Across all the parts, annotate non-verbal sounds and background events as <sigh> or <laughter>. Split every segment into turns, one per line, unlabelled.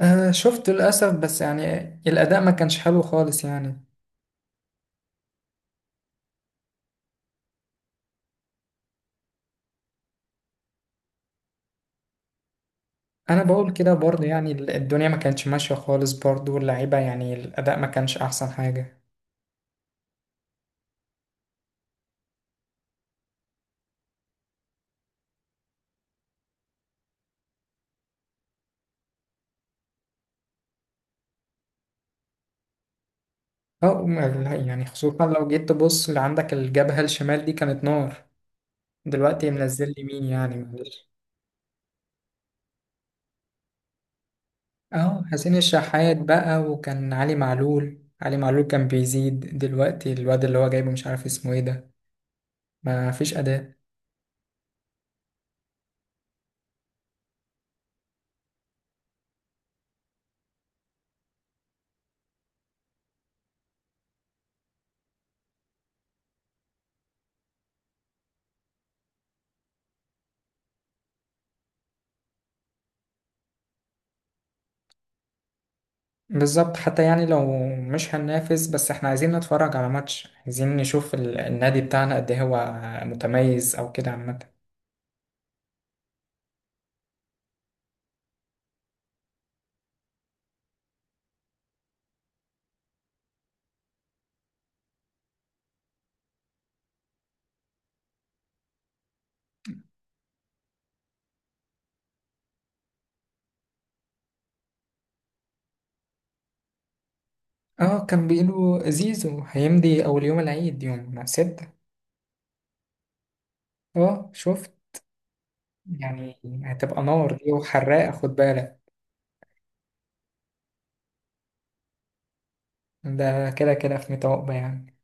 آه، شفته للأسف. بس يعني الأداء ما كانش حلو خالص يعني. أنا بقول كده برضه، يعني الدنيا ما كانتش ماشية خالص برضه، واللعيبة يعني الأداء ما كانش أحسن حاجة. أو لا، يعني خصوصا لو جيت تبص اللي عندك، الجبهة الشمال دي كانت نار. دلوقتي منزل يمين، يعني معلش. أه حسين الشحات بقى، وكان علي معلول كان بيزيد. دلوقتي الواد اللي هو جايبه مش عارف اسمه ايه ده. ما فيش أداء. بالظبط، حتى يعني لو مش هننافس، بس احنا عايزين نتفرج على ماتش، عايزين نشوف النادي بتاعنا قد إيه هو متميز او كده عامة. اه كان بيقولوا زيزو هيمضي اول يوم العيد يوم ستة. اه شفت. يعني هتبقى نار دي وحراقة، خد بالك. ده كده كده في ميت يعني.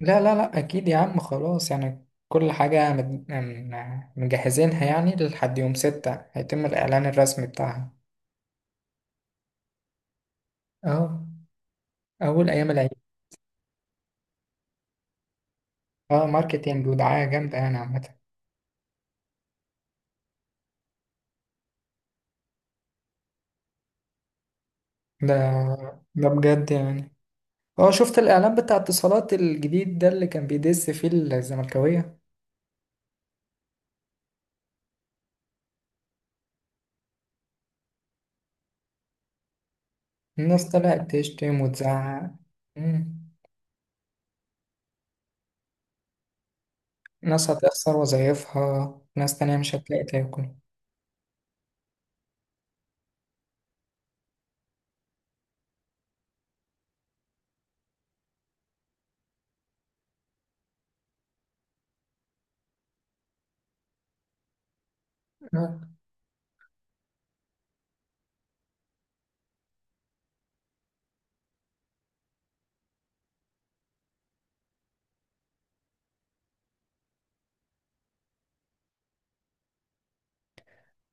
لا لا لا، اكيد يا عم خلاص. يعني كل حاجة مجهزينها، يعني لحد يوم ستة هيتم الاعلان الرسمي بتاعها. اه اول ايام العيد. اه ماركتينج ودعاية جامدة يعني عامة. ده ده بجد يعني. اه شفت الإعلان بتاع اتصالات الجديد ده اللي كان بيدس فيه الزملكاوية. الناس طلعت تشتم وتزعق. مم. ناس هتخسر وظايفها، ناس تانية مش هتلاقي تاكل. آه.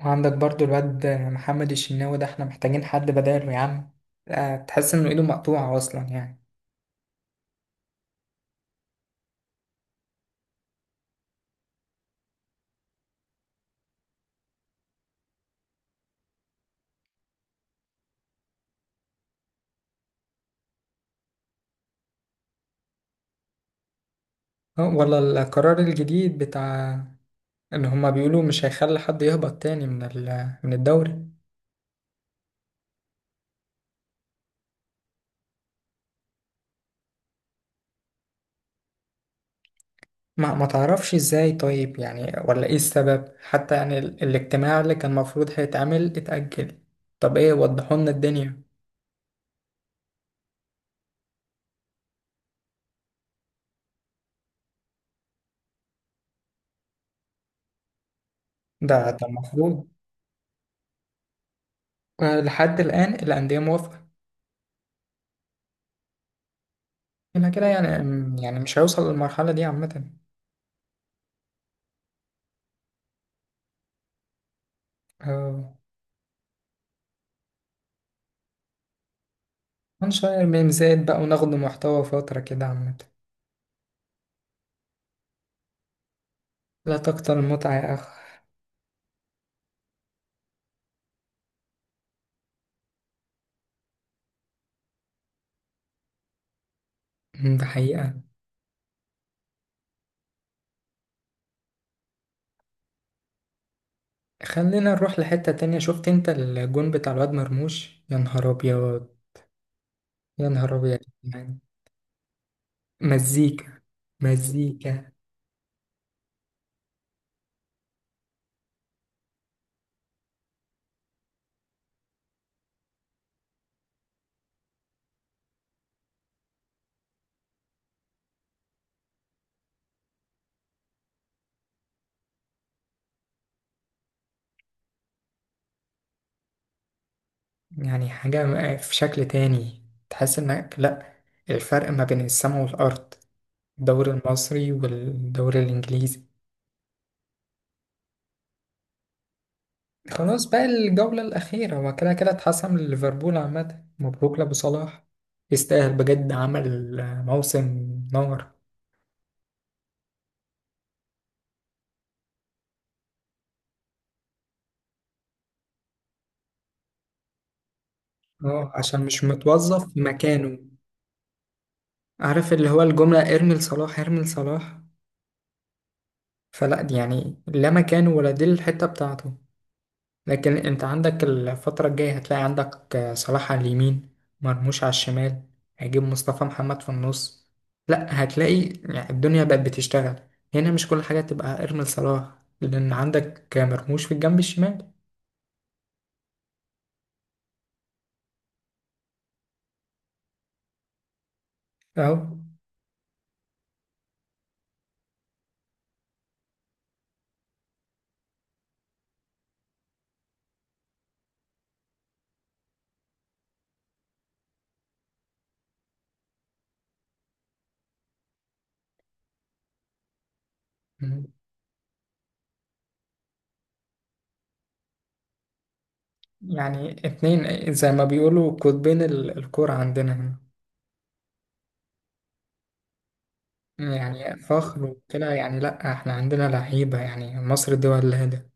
وعندك برضو الواد محمد الشناوي ده، احنا محتاجين حد بداله يا عم. آه، تحس انه ايده مقطوعة اصلا يعني. آه، ولا القرار الجديد بتاع ان هما بيقولوا مش هيخلي حد يهبط تاني من الدوري؟ ما تعرفش ازاي طيب، يعني ولا ايه السبب حتى؟ يعني الاجتماع اللي كان المفروض هيتعمل اتأجل. طب ايه، وضحوا لنا الدنيا. ده المفروض. آه، لحد الآن الأندية موافقة. يبقى كده، يعني يعني مش هيوصل للمرحلة دي عامة. آه، هنشير ميمزات بقى وناخد محتوى فترة كده عامة. لا تكتر المتعة يا أخ. ده حقيقة. خلينا نروح لحتة تانية. شفت انت الجون بتاع الواد مرموش؟ يا نهار أبيض، يا نهار أبيض. يعني. مزيكا، مزيكا. يعني حاجة في شكل تاني. تحس انك لا، الفرق ما بين السماء والأرض، الدوري المصري والدوري الإنجليزي. خلاص بقى الجولة الأخيرة، هو كده كده اتحسم لليفربول عامة. مبروك لأبو صلاح، يستاهل بجد، عمل موسم نار. اه عشان مش متوظف في مكانه. عارف اللي هو الجملة، ارمي لصلاح، ارمي لصلاح؟ فلا دي يعني، لا مكانه ولا دي الحتة بتاعته. لكن انت عندك الفترة الجاية هتلاقي عندك صلاح على اليمين، مرموش على الشمال، هيجيب مصطفى محمد في النص. لا هتلاقي، يعني الدنيا بقت بتشتغل هنا. مش كل حاجة تبقى ارمي لصلاح، لأن عندك مرموش في الجنب الشمال. أهو. مم. يعني اتنين زي ما بيقولوا قطبين الكرة عندنا هنا. يعني فخر وكده، يعني لا احنا عندنا لعيبة يعني، مصر الدول الهادئة.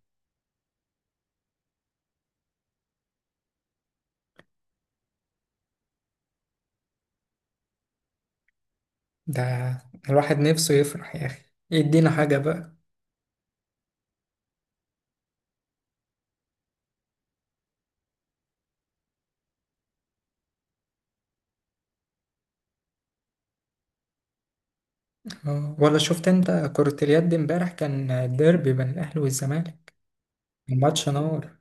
ده الواحد نفسه يفرح يا أخي، يدينا حاجة بقى. آه، ولا شفت انت كرة اليد امبارح؟ كان الديربي بين الاهلي والزمالك. الماتش نار.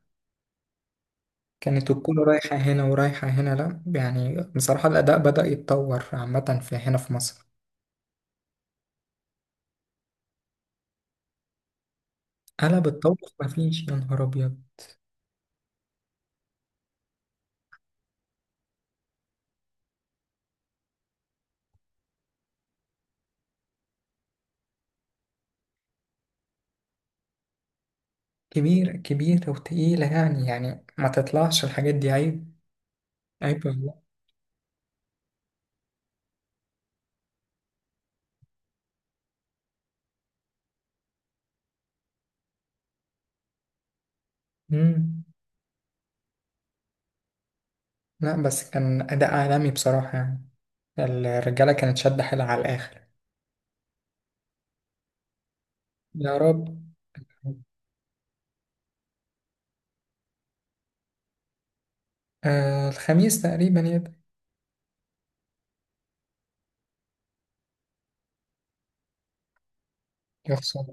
كانت الكورة رايحة هنا ورايحة هنا، لا يعني بصراحة الأداء بدأ يتطور عامة في هنا في مصر. قلب الطبخ مفيش، يا نهار أبيض. كبيرة، كبيرة وتقيلة يعني ما تطلعش الحاجات دي عيب. عيب والله. مم. لا بس كان أداء عالمي بصراحة يعني، الرجالة كانت شادة حيلها على الآخر. يا رب. آه الخميس تقريبا يبقى. يخسر.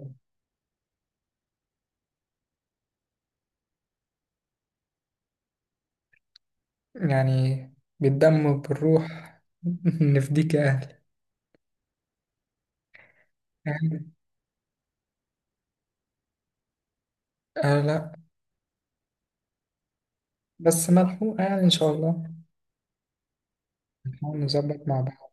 يعني بالدم وبالروح <laughs> نفديك يا أهلي. يعني، آه لا. بس ملحوقة يعني، إن شاء الله نحاول نظبط مع بعض.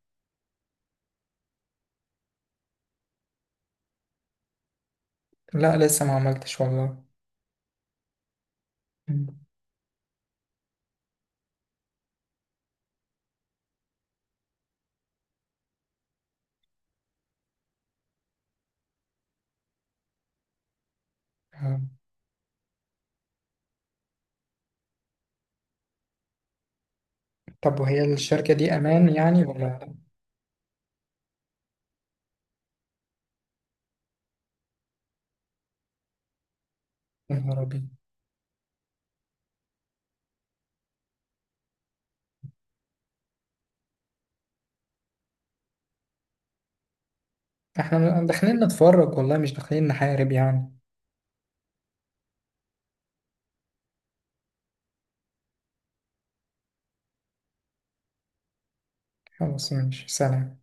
لا لسه ما عملتش والله. مم. آه. طب وهي الشركة دي أمان يعني ولا لا؟ يا نهار أبيض. إحنا داخلين نتفرج والله، مش داخلين نحارب يعني. خلاص ماشي، سلام.